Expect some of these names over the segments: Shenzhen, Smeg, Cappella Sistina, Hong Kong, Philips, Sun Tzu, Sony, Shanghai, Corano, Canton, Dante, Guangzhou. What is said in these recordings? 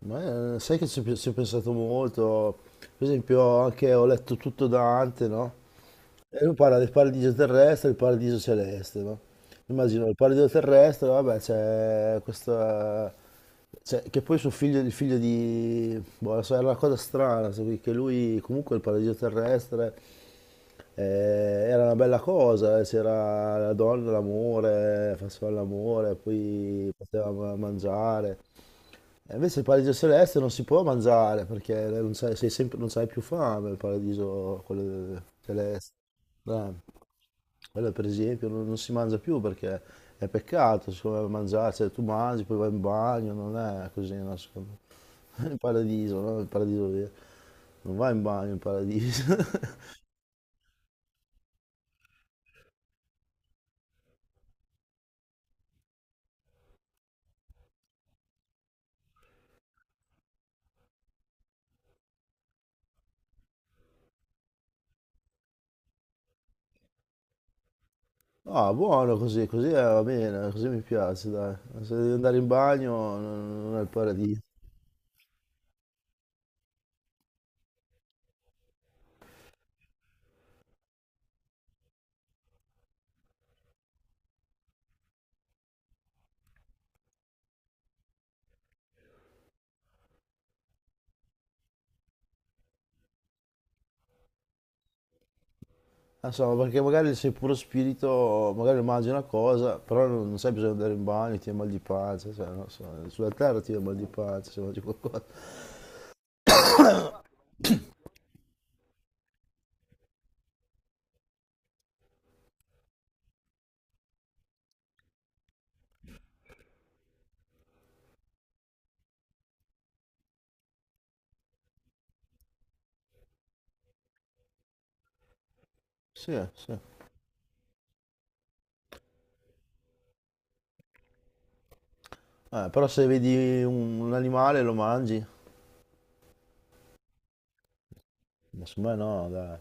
Ma sai che ci ho pensato molto, per esempio anche ho letto tutto Dante, no? E lui parla del paradiso terrestre e del paradiso celeste, no? Immagino il paradiso terrestre, vabbè, c'è questa, cioè, che poi suo figlio, il figlio di, boh, non so, era una cosa strana, che lui comunque il paradiso terrestre era una bella cosa, c'era la donna, l'amore, faceva l'amore, poi poteva mangiare, e invece il paradiso celeste non si può mangiare perché non c'hai, sei sempre, non c'hai più fame, il paradiso quello celeste. Eh, quello per esempio non si mangia più perché è peccato, secondo me, mangiare, cioè tu mangi, poi vai in bagno, non è così, no, secondo me. Il paradiso, no? Il paradiso vero. Non vai in bagno in paradiso. Ah, buono così, così va bene, così mi piace, dai. Se devi andare in bagno non è il paradiso. Non so, perché magari sei puro spirito, magari mangi una cosa, però non sai bisogno di andare in bagno, ti viene mal di pancia, cioè, non so, sulla terra ti viene mal di pancia se mangi qualcosa. Sì, sì. Però se vedi un animale lo mangi, ma secondo me no, dai.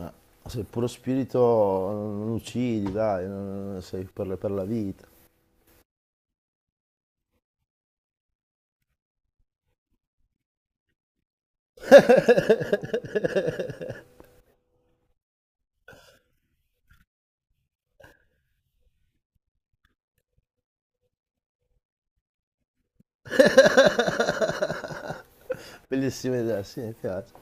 Eh, sei puro spirito, non uccidi, dai, sei per, per la vita. Bellissima idea, sì, mi piace.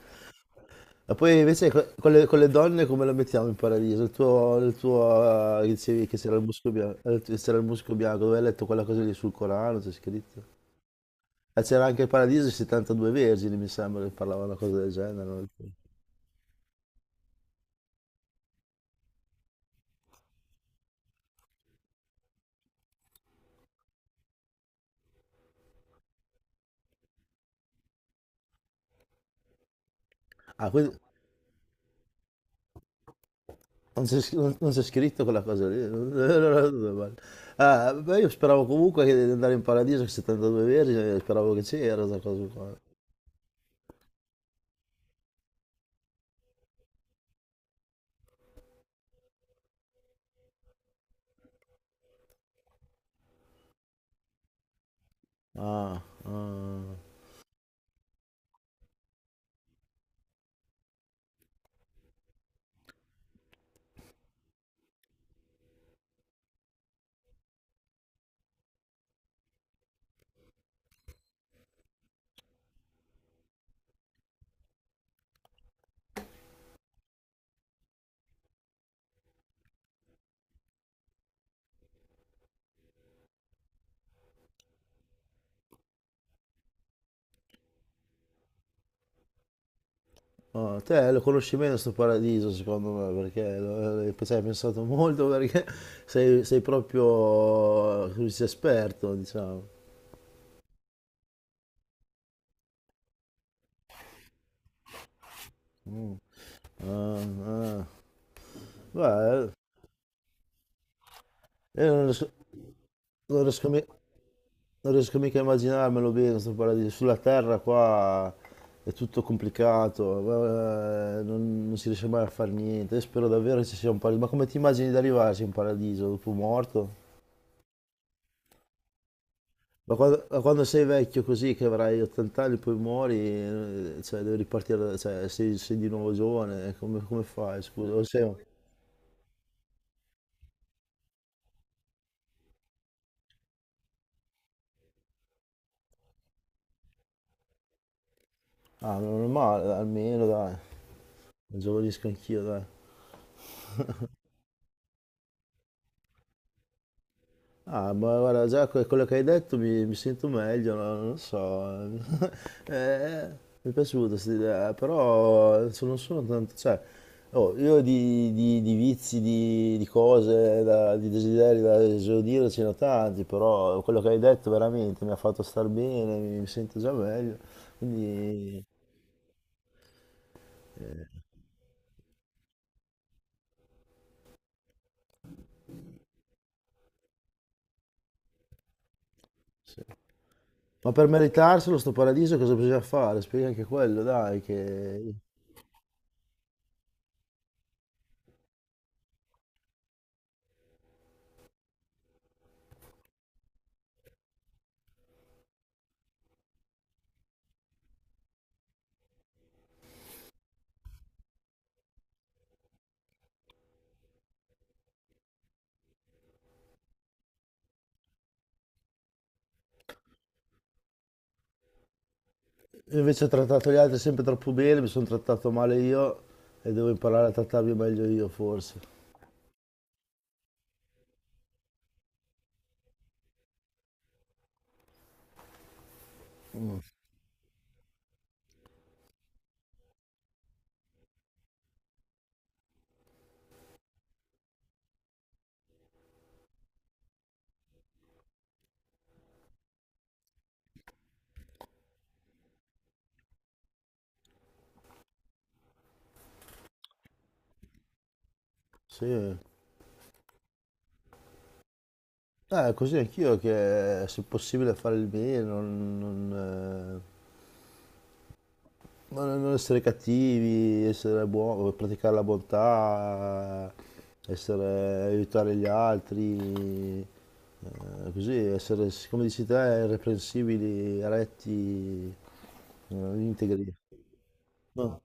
E poi invece con le donne come lo mettiamo in paradiso? Il tuo dicevi che c'era il musco bianco, c'era il musco bianco, dove hai letto quella cosa lì sul Corano, c'è scritto. E c'era anche il paradiso e 72 vergini, mi sembra, che parlava una cosa del genere, no? Ah, quindi non c'è scritto quella cosa lì. Allora, dove vale? Ah, beh, io speravo comunque che di andare in paradiso con 72 vergini, speravo che c'era questa cosa qua. Ah, ah. Oh, te lo conosci meno sto paradiso secondo me perché ci hai pensato molto perché sei proprio come si dice, esperto diciamo. Ah, ah. Beh, io non riesco mi- non riesco mica a immaginarmelo bene sto paradiso. Sulla terra qua è tutto complicato, non si riesce mai a fare niente. Io spero davvero che ci sia un paradiso. Ma come ti immagini di arrivarci in paradiso dopo morto? Ma quando sei vecchio così, che avrai 80 anni, poi muori, cioè devi ripartire, cioè sei di nuovo giovane, come fai, scusa? Ah, non è male, dai, almeno dai, giovanisco anch'io, dai. Ah, ma guarda, già quello che hai detto mi sento meglio, no? Non lo so. Eh, mi è piaciuta questa idea, però non sono tanto, cioè, oh, io di vizi, di cose, di desideri da esaudire ce ne ho tanti, però quello che hai detto veramente mi ha fatto star bene, mi sento già meglio. Quindi, sì. Ma per meritarselo, sto paradiso, cosa bisogna fare? Spiega anche quello, dai, che. Io invece ho trattato gli altri sempre troppo bene, mi sono trattato male io e devo imparare a trattarmi meglio io forse. Sì, così anch'io che se possibile fare il bene, non essere cattivi, essere buoni, praticare la bontà, essere, aiutare gli altri, così essere, come dici te, irreprensibili, retti, integri. No,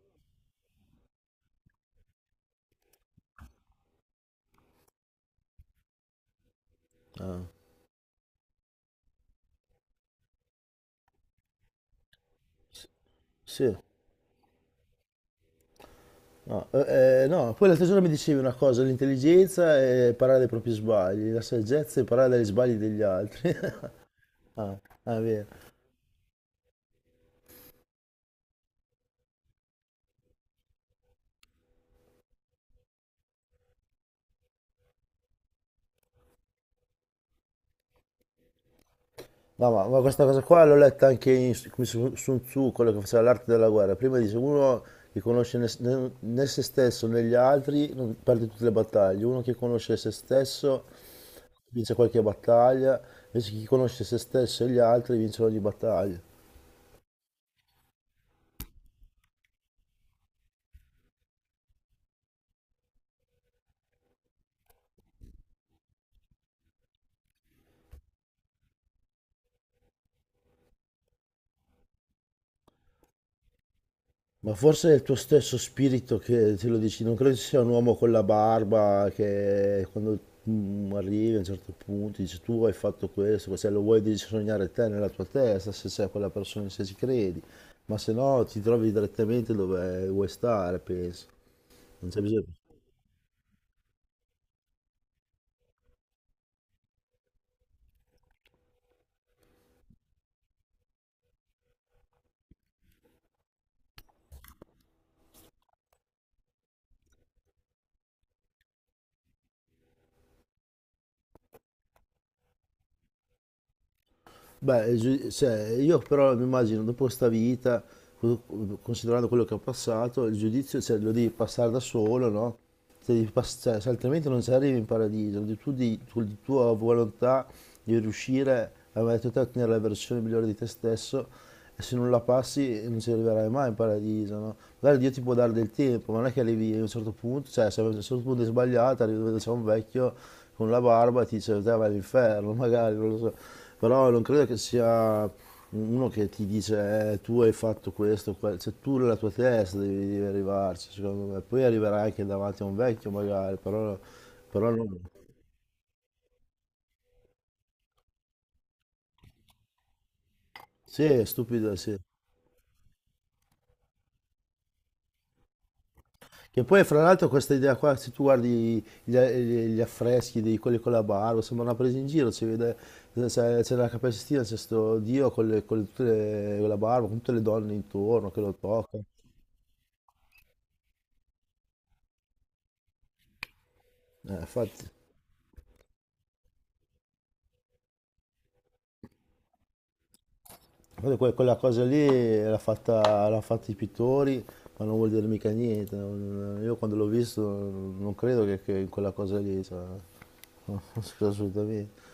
s- sì. No, no, poi l'altro giorno mi dicevi una cosa, l'intelligenza è imparare dai propri sbagli, la saggezza è imparare dagli sbagli degli altri. Ah, ah, è vero. No, ma questa cosa qua l'ho letta anche come su Sun Tzu, quello che faceva l'arte della guerra. Prima dice, uno che conosce né se stesso né gli altri non perde tutte le battaglie, uno che conosce se stesso vince qualche battaglia, invece chi conosce se stesso e gli altri vince ogni battaglia. Ma forse è il tuo stesso spirito che te lo dici, non credo ci sia un uomo con la barba che quando arrivi a un certo punto dice tu hai fatto questo, se lo vuoi devi sognare te nella tua testa, se sei quella persona, se ci credi, ma se no ti trovi direttamente dove vuoi stare, penso, non c'è bisogno. Beh, cioè, io però mi immagino dopo questa vita, co- considerando quello che ho passato, il giudizio cioè, lo devi passare da solo, no? se, devi pass- cioè, se altrimenti non ci arrivi in paradiso, devi tu con la tua volontà di riuscire a mettere te a ottenere la versione migliore di te stesso e se non la passi non ci arriverai mai in paradiso, no? Magari Dio ti può dare del tempo, ma non è che arrivi a un certo punto, cioè se a un certo punto è sbagliata, arrivi dove c'è un vecchio con la barba e ti dice te vai all'inferno, magari, non lo so. Però non credo che sia uno che ti dice, tu hai fatto questo, quello, cioè tu nella tua testa devi arrivarci, secondo me. Poi arriverai anche davanti a un vecchio magari, però non. Sì, è stupido, sì. Che poi fra l'altro questa idea qua, se tu guardi gli affreschi di quelli con la barba, sembra una presa in giro, si vede, c'è la Cappella Sistina, c'è sto Dio con la barba, con tutte le donne intorno che lo toccano. Infatti. Guarda, quella cosa lì l'ha fatta i pittori, ma non vuol dire mica niente. Io quando l'ho visto non credo che in quella cosa lì, cioè, non credo assolutamente.